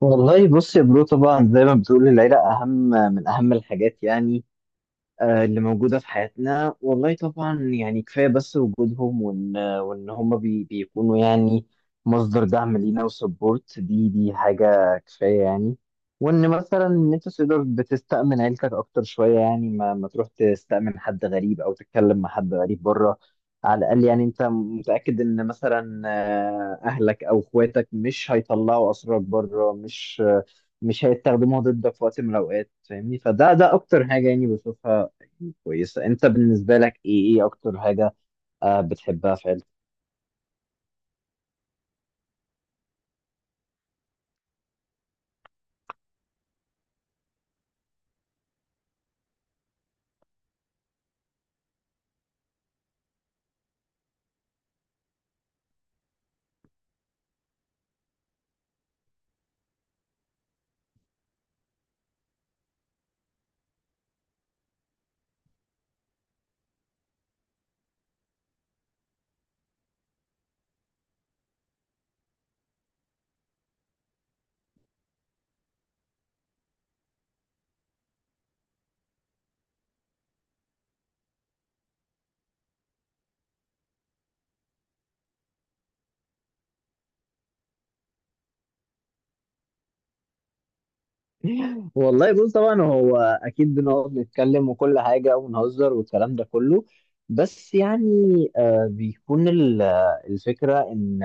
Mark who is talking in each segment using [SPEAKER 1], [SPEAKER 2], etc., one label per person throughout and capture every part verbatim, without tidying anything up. [SPEAKER 1] والله بص يا برو، طبعا زي ما بتقول، العيلة أهم من أهم الحاجات. يعني آه، اللي موجودة في حياتنا. والله طبعا يعني كفاية بس وجودهم، وإن وإن هما بي بيكونوا يعني مصدر دعم لينا وسبورت. دي دي حاجة كفاية يعني. وإن مثلا إن أنت تقدر بتستأمن عيلتك أكتر شوية، يعني ما, ما تروح تستأمن حد غريب أو تتكلم مع حد غريب بره. على الأقل يعني أنت متأكد إن مثلا آه، أهلك أو إخواتك مش هيطلعوا أسرارك بره، مش مش هيستخدموها ضدك في وقت من الأوقات، فاهمني؟ فده ده أكتر حاجة يعني بشوفها كويسة. انت بالنسبة لك ايه ايه اكتر حاجة آه بتحبها في عيلتك؟ والله بص، طبعا هو اكيد بنقعد نتكلم وكل حاجة، ونهزر والكلام ده كله. بس يعني آه بيكون ال- آه، الفكرة ان،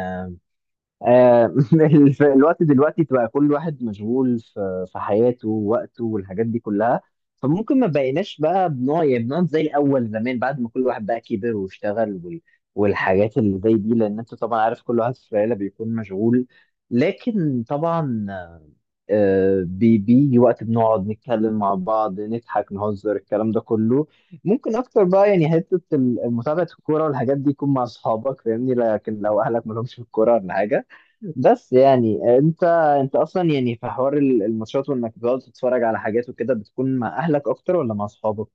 [SPEAKER 1] آه، الف- الوقت دلوقتي تبقى كل واحد مشغول في في حياته ووقته والحاجات دي كلها. فممكن ما بقيناش بقى بنوع، يعني بنقعد زي الاول زمان، بعد ما كل واحد بقى كبر واشتغل وال- والحاجات اللي زي دي، لان انت طبعا عارف كل واحد في العيله بيكون مشغول. لكن طبعا آه، بي- بيجي وقت بنقعد نتكلم مع بعض، نضحك نهزر الكلام ده كله. ممكن اكتر بقى يعني حته ال- متابعه الكوره والحاجات دي يكون مع اصحابك، فاهمني؟ لكن لو اهلك مالهمش في الكوره ولا حاجه. بس يعني آه، انت، انت اصلا يعني في حوار ال- الماتشات وانك بتقعد تتفرج على حاجات وكده، بتكون مع اهلك اكتر ولا مع اصحابك؟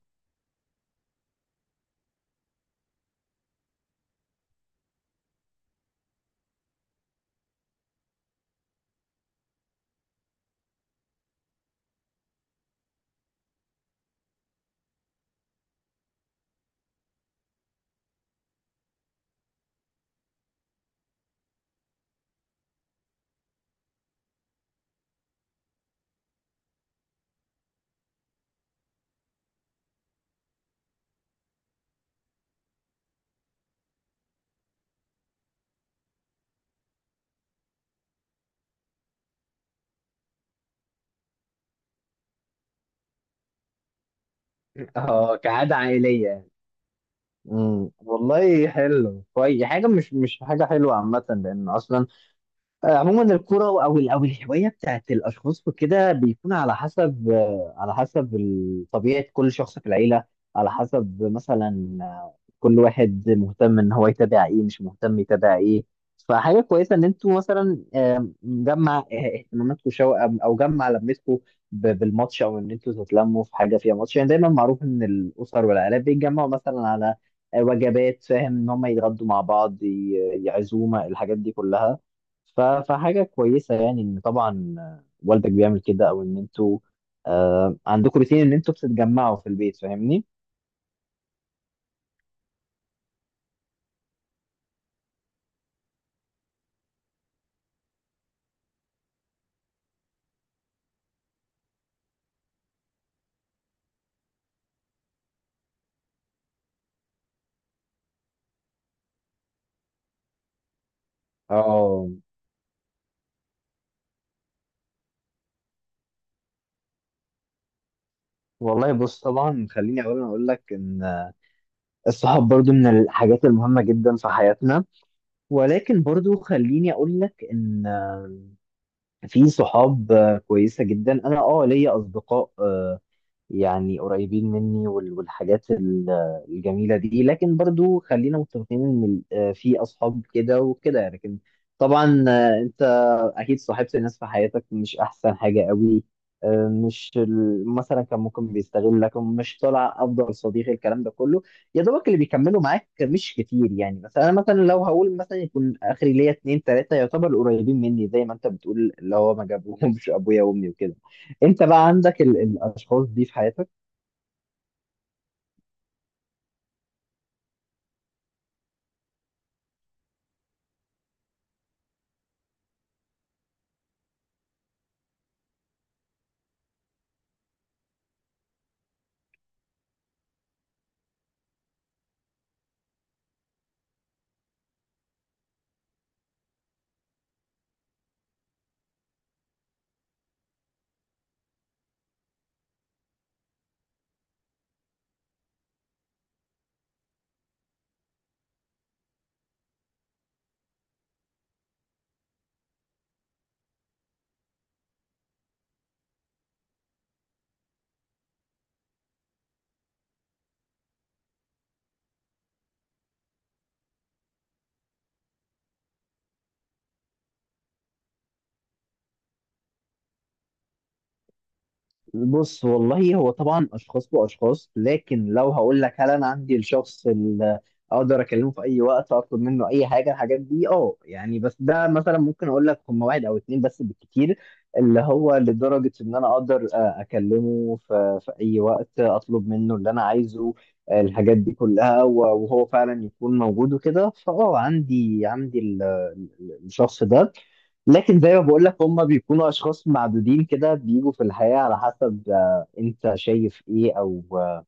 [SPEAKER 1] اه، كعادة عائلية. امم، والله حلو كويس. حاجه مش مش حاجه حلوه عامه، لان اصلا آه، عموما الكرة او ال- او الهواية بتاعت الاشخاص وكده بيكون على حسب، آه، على حسب ال- طبيعة كل شخص في العيلة. على حسب مثلا آه، كل واحد مهتم ان هو يتابع ايه، مش مهتم يتابع ايه. فحاجة كويسة ان انتوا مثلا آه، جمع اهتماماتكم شو، او جمع لمتكم ب- بالماتش، او ان انتوا تتلموا في حاجة فيها ماتش. يعني دايما معروف ان الاسر والعائلات بيتجمعوا مثلا على آه، وجبات، فاهم، ان هم يتغدوا مع بعض، ي- يعزومة، الحاجات دي كلها. ف- فحاجة كويسة يعني إن طبعا آه، والدك بيعمل كده، أو إن أنتوا آه عندكم روتين إن أنتوا بتتجمعوا في البيت، فاهمني؟ اه، والله بص، طبعا خليني أولا أقول لك إن الصحاب برضو من الحاجات المهمة جدا في حياتنا، ولكن برضو خليني أقول لك إن آه، في صحاب آه، كويسة جدا. أنا أه ليا أصدقاء آه، يعني قريبين مني وال- والحاجات ال- الجميلة دي. لكن برضو خلينا متفقين ان ال- آه، في اصحاب كده وكده. لكن طبعا آه، انت اكيد صاحبت ناس في حياتك مش احسن حاجة قوي، آه، مش ال- مثلا كان ممكن بيستغلك، مش طالع افضل صديق، الكلام ده كله. يا دوبك اللي بيكملوا معاك مش كتير، يعني مثلا انا مثلا لو هقول، مثلا يكون اخري ليا اتنين تلاتة يعتبر قريبين مني، زي ما انت بتقول اللي هو ما جابوهمش ابويا وامي وكده. انت بقى عندك ال- الاشخاص دي في حياتك؟ بص والله هو طبعا اشخاص واشخاص، لكن لو هقول لك هل انا عندي الشخص اللي اقدر اكلمه في اي وقت اطلب منه اي حاجه، الحاجات دي، اه يعني. بس ده مثلا ممكن اقول لك هم واحد او اتنين بس بالكتير، اللي هو لدرجه ان انا اقدر آه، اكلمه في في اي وقت اطلب منه اللي انا عايزه، آه، الحاجات دي كلها، و- وهو فعلا يكون موجود وكده. فاه، عندي، عندي ال- ال- الشخص ده. لكن زي ما بقول لك، هم بيكونوا اشخاص معدودين كده بيجوا في الحياة على حسب آه، انت شايف ايه، او آه،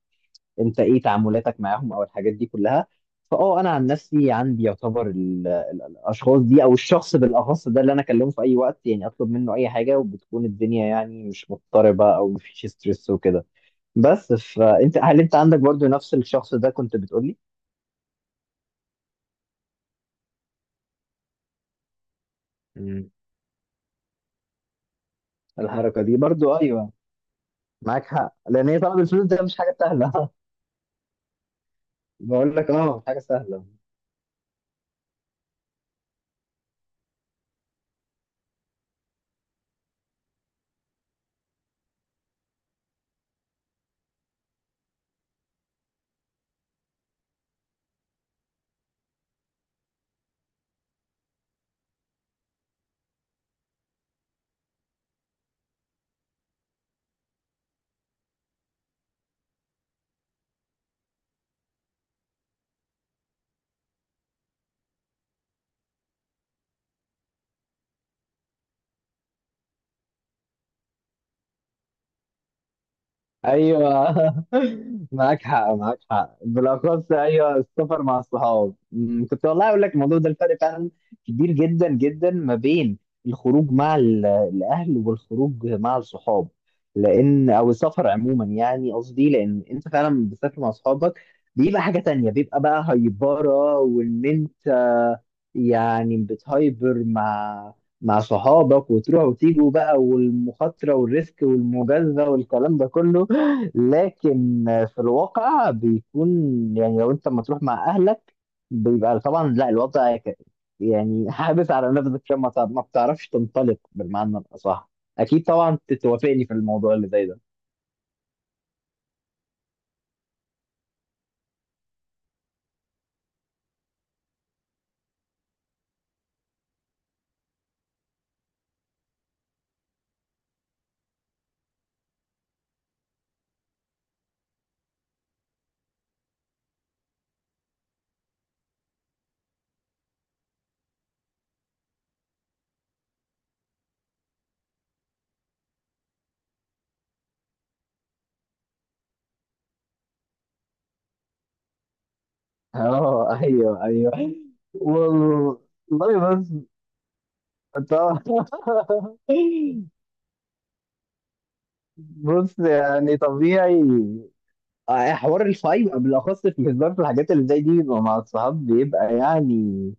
[SPEAKER 1] انت ايه تعاملاتك معاهم، او الحاجات دي كلها. فاه انا عن نفسي عندي يعتبر ال- ال- الاشخاص دي، او الشخص بالاخص ده اللي انا اكلمه في اي وقت، يعني اطلب منه اي حاجة، وبتكون الدنيا يعني مش مضطربة او مفيش ستريس وكده بس. فانت هل انت عندك برضو نفس الشخص ده كنت بتقولي؟ مم. الحركة دي برضو، ايوه. معاك حق، لان هي طلب الفلوس ده مش حاجة سهلة. بقول لك اه، حاجه سهله. ايوه معاك حق، معاك حق، بالاخص ايوه السفر مع الصحاب. أمم، كنت والله اقول لك الموضوع ده، الفرق فعلا كبير جدا جدا ما بين الخروج مع ال- الاهل والخروج مع الصحاب. لان او السفر عموما، يعني قصدي لان انت فعلا بتسافر مع اصحابك بيبقى حاجه تانية، بيبقى بقى هايبره، وان انت يعني بتهايبر مع، مع صحابك، وتروح وتيجوا بقى، والمخاطره والريسك والمجازفه والكلام ده كله. لكن في الواقع بيكون، يعني لو انت لما تروح مع اهلك بيبقى طبعا لا، الوضع ك- يعني حابس على نفسك، عشان ما تع- ما بتعرفش تنطلق بالمعنى الاصح. اكيد طبعا تتوافقني في الموضوع اللي زي ده. اه ايوه ايوه. وال- والله بص طبعا. بص يعني طبيعي، حوار الفايب بالاخص في الهزار، في الحاجات اللي زي دي بيبقى مع الصحاب، بيبقى يعني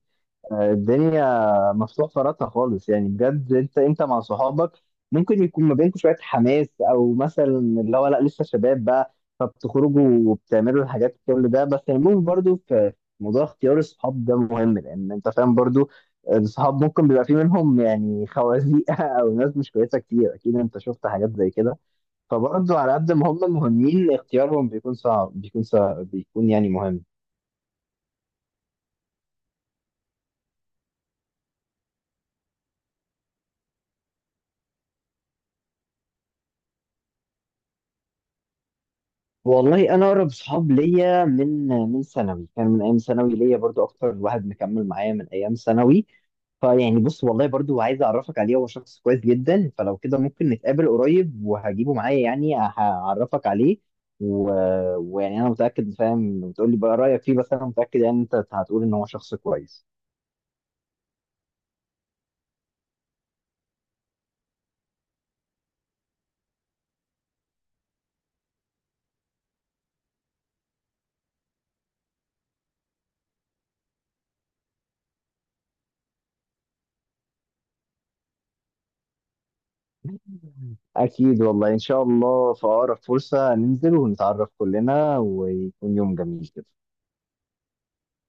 [SPEAKER 1] الدنيا مفتوح فراتها خالص. يعني بجد انت، انت مع صحابك ممكن يكون ما بينكم شويه حماس، او مثلا اللي هو لا لسه شباب بقى، فبتخرجوا وبتعملوا الحاجات كل ده. بس المهم برضو في موضوع اختيار الصحاب ده مهم، لان انت فاهم برضو الصحاب ممكن بيبقى في منهم يعني خوازيق، او ناس مش كويسه كتير، اكيد انت شفت حاجات زي كده. فبرضو على قد ما هم مهمين، اختيارهم بيكون صعب، بيكون صعب، بيكون يعني مهم. والله انا اقرب صحاب ليا من من ثانوي، كان من ايام ثانوي ليا برضو اكتر واحد مكمل معايا من ايام ثانوي. فيعني بص، والله برضو عايز اعرفك عليه، هو شخص كويس جدا، فلو كده ممكن نتقابل قريب وهجيبه معايا، يعني هعرفك عليه. و... ويعني انا متاكد، فاهم، بتقول لي بقى رايك فيه، بس انا متاكد يعني انت هتقول ان هو شخص كويس. اكيد والله، ان شاء الله في اقرب فرصه ننزل ونتعرف كلنا، ويكون يوم جميل كده.